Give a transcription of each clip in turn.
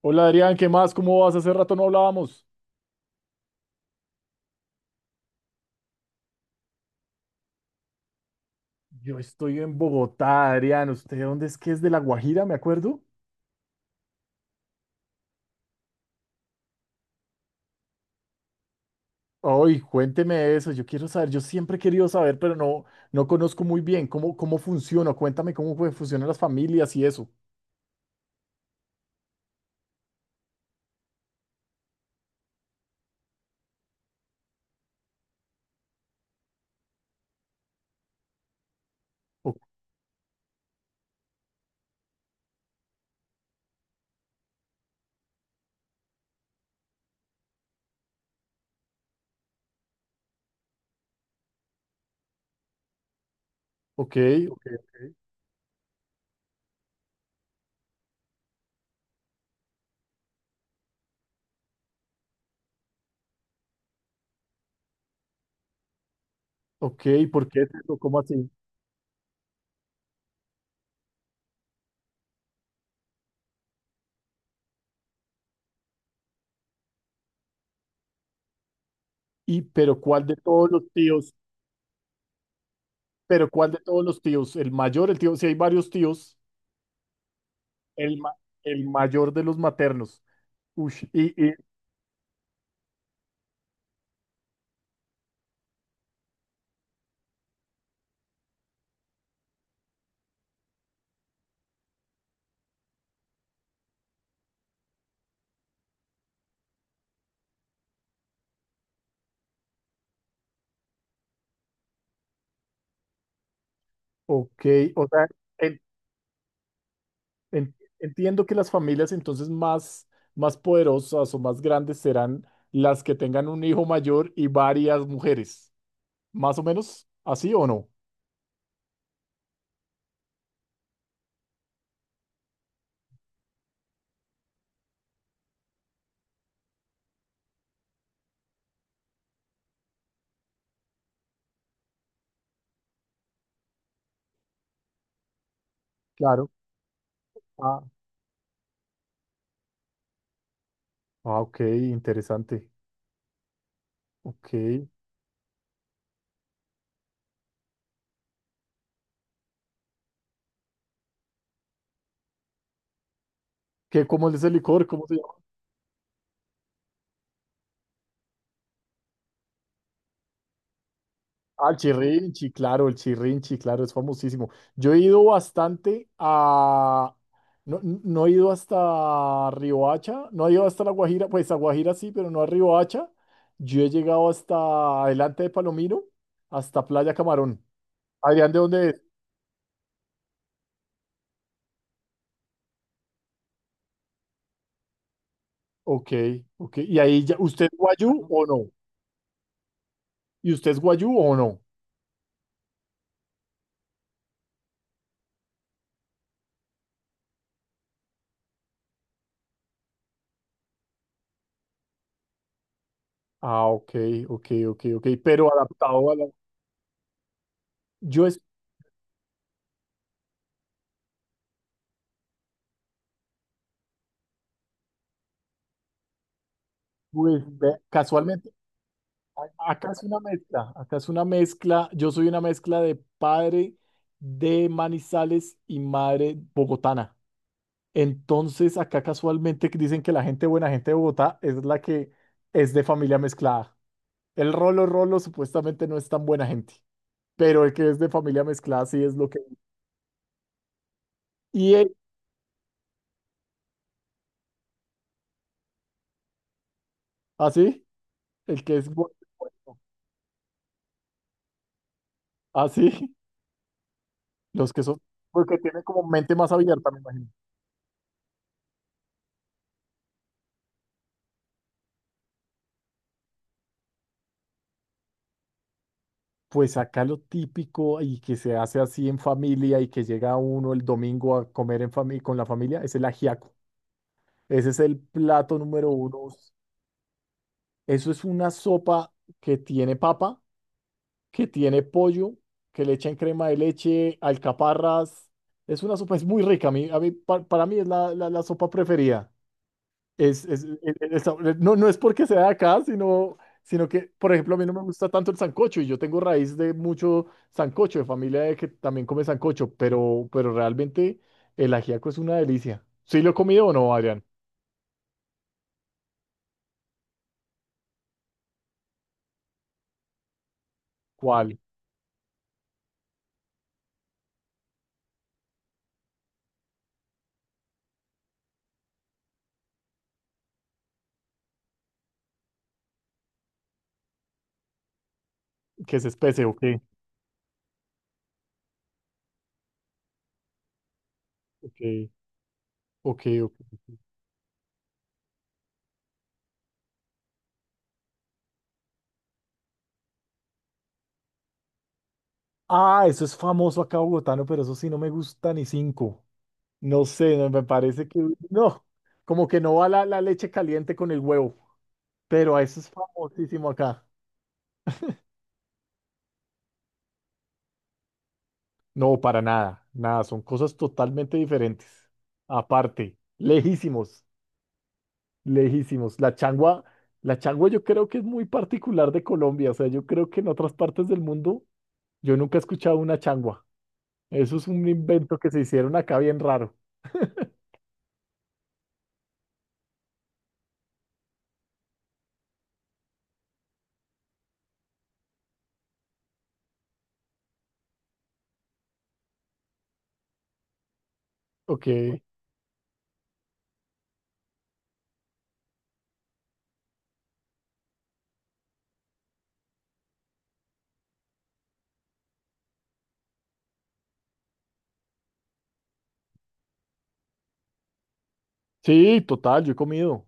Hola, Adrián, ¿qué más? ¿Cómo vas? Hace rato no hablábamos. Yo estoy en Bogotá, Adrián. ¿Usted de dónde es? Que es de La Guajira, me acuerdo. Ay, cuénteme eso. Yo quiero saber. Yo siempre he querido saber, pero no, no conozco muy bien cómo funciona. Cuéntame funcionan las familias y eso. O- ok, ok, ok. ¿Por qué es eso? ¿Cómo así? Pero ¿cuál de todos los tíos? ¿Pero cuál de todos los tíos? El mayor, el tío. Si hay varios tíos, el, ma- el mayor de los maternos. Ush, ok, o sea. En En- Entiendo que las familias entonces más poderosas o más grandes serán las que tengan un hijo mayor y varias mujeres. ¿Más o menos así o no? Claro. Ah, ah, ok, interesante. Ok. ¿Qué, cómo es el licor? ¿Cómo se llama? Al Chirrinchi, claro, el Chirrinchi, claro, es famosísimo. Yo he ido bastante a... No, no he ido hasta Riohacha, no he ido hasta La Guajira, pues a Guajira sí, pero no a Riohacha. Yo he llegado hasta adelante de Palomino, hasta Playa Camarón. Adrián, ¿de dónde es? Ok, ok. ¿Y ahí ya, usted es guayú o no? ¿Y usted es guayú o no? Ah, ok, ok. Pero adaptado a la... Yo es, pues, casualmente... Acá es una mezcla, acá es una mezcla. Yo soy una mezcla de padre de Manizales y madre bogotana. Entonces, acá casualmente dicen que la gente buena, gente de Bogotá, es la que es de familia mezclada. El rolo rolo supuestamente no es tan buena gente, pero el que es de familia mezclada sí es lo que... Y el, así, el que es bueno, así, los que son, porque tienen como mente más abierta, me imagino. Pues acá lo típico y que se hace así en familia y que llega uno el domingo a comer con la familia es el ajiaco. Ese es el plato número uno. Eso es una sopa que tiene papa, que tiene pollo, que le echan crema de leche, alcaparras. Es una sopa, es muy rica. Para mí es la sopa preferida. No, no es porque sea de acá, sino que, por ejemplo, a mí no me gusta tanto el sancocho y yo tengo raíz de mucho sancocho, de familia de que también come sancocho, pero realmente el ajiaco es una delicia. ¿Sí lo he comido o no, Adrián? ¿Cuál? ¿Que es especie o qué? Ok, ok. Ah, eso es famoso acá bogotano, pero eso sí no me gusta ni cinco. No sé, no, me parece que no, como que no va la leche caliente con el huevo, pero eso es famosísimo acá. No, para nada, nada, son cosas totalmente diferentes. Aparte, lejísimos, lejísimos. La changua yo creo que es muy particular de Colombia, o sea, yo creo que en otras partes del mundo yo nunca he escuchado una changua. Eso es un invento que se hicieron acá bien raro. Ok, sí, total, yo he comido.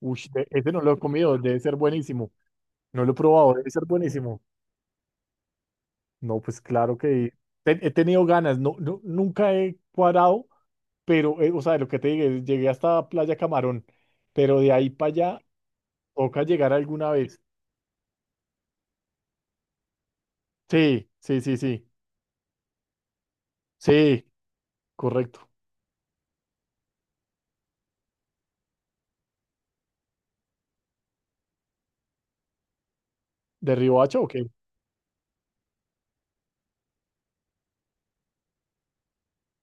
Uy, ese no lo he comido, debe ser buenísimo. No lo he probado, debe ser buenísimo. No, pues claro que he tenido ganas, no, no, nunca he cuadrado pero, o sea, lo que te dije, llegué hasta Playa Camarón, pero de ahí para allá toca llegar alguna vez. Sí, sí, correcto. ¿De Riohacha o qué?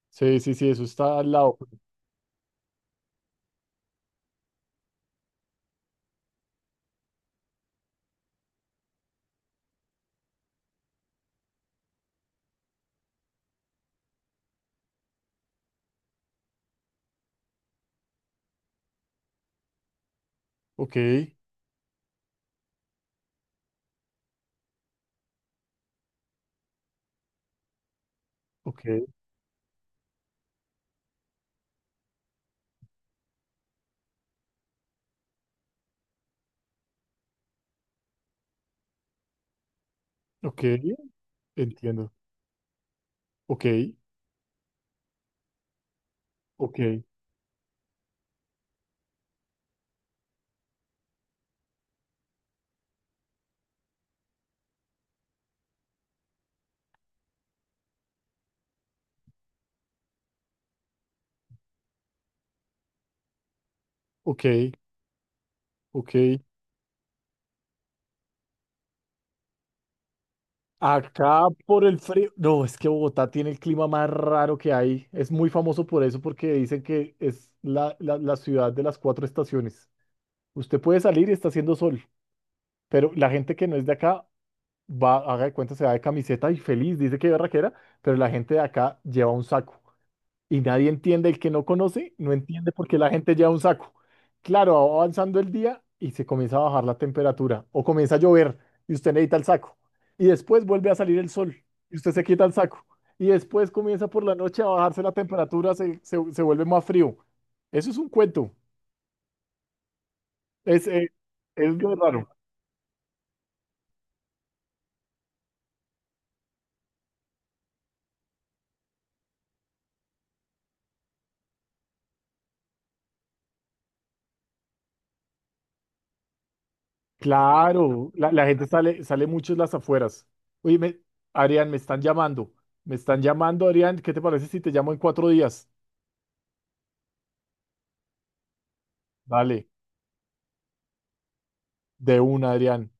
Sí, sí, sí, eso está al lado. Ok, ok, ok, entiendo. Ok, ok, ok, ok. Acá por el frío. No, es que Bogotá tiene el clima más raro que hay. Es muy famoso por eso, porque dicen que es la ciudad de las cuatro estaciones. Usted puede salir y está haciendo sol. Pero la gente que no es de acá va, haga de cuenta, se va de camiseta y feliz, dice que barraquera, pero la gente de acá lleva un saco. Y nadie entiende, el que no conoce, no entiende por qué la gente lleva un saco. Claro, va avanzando el día y se comienza a bajar la temperatura o comienza a llover y usted necesita el saco. Y después vuelve a salir el sol y usted se quita el saco. Y después comienza por la noche a bajarse la temperatura, se vuelve más frío. Eso es un cuento. Es, eh, es bien raro. Claro, la gente sale, sale mucho en las afueras. Oye, me- Adrián, me están llamando. Me están llamando, Adrián. ¿Qué te parece si te llamo en 4 días? Dale, de una, Adrián.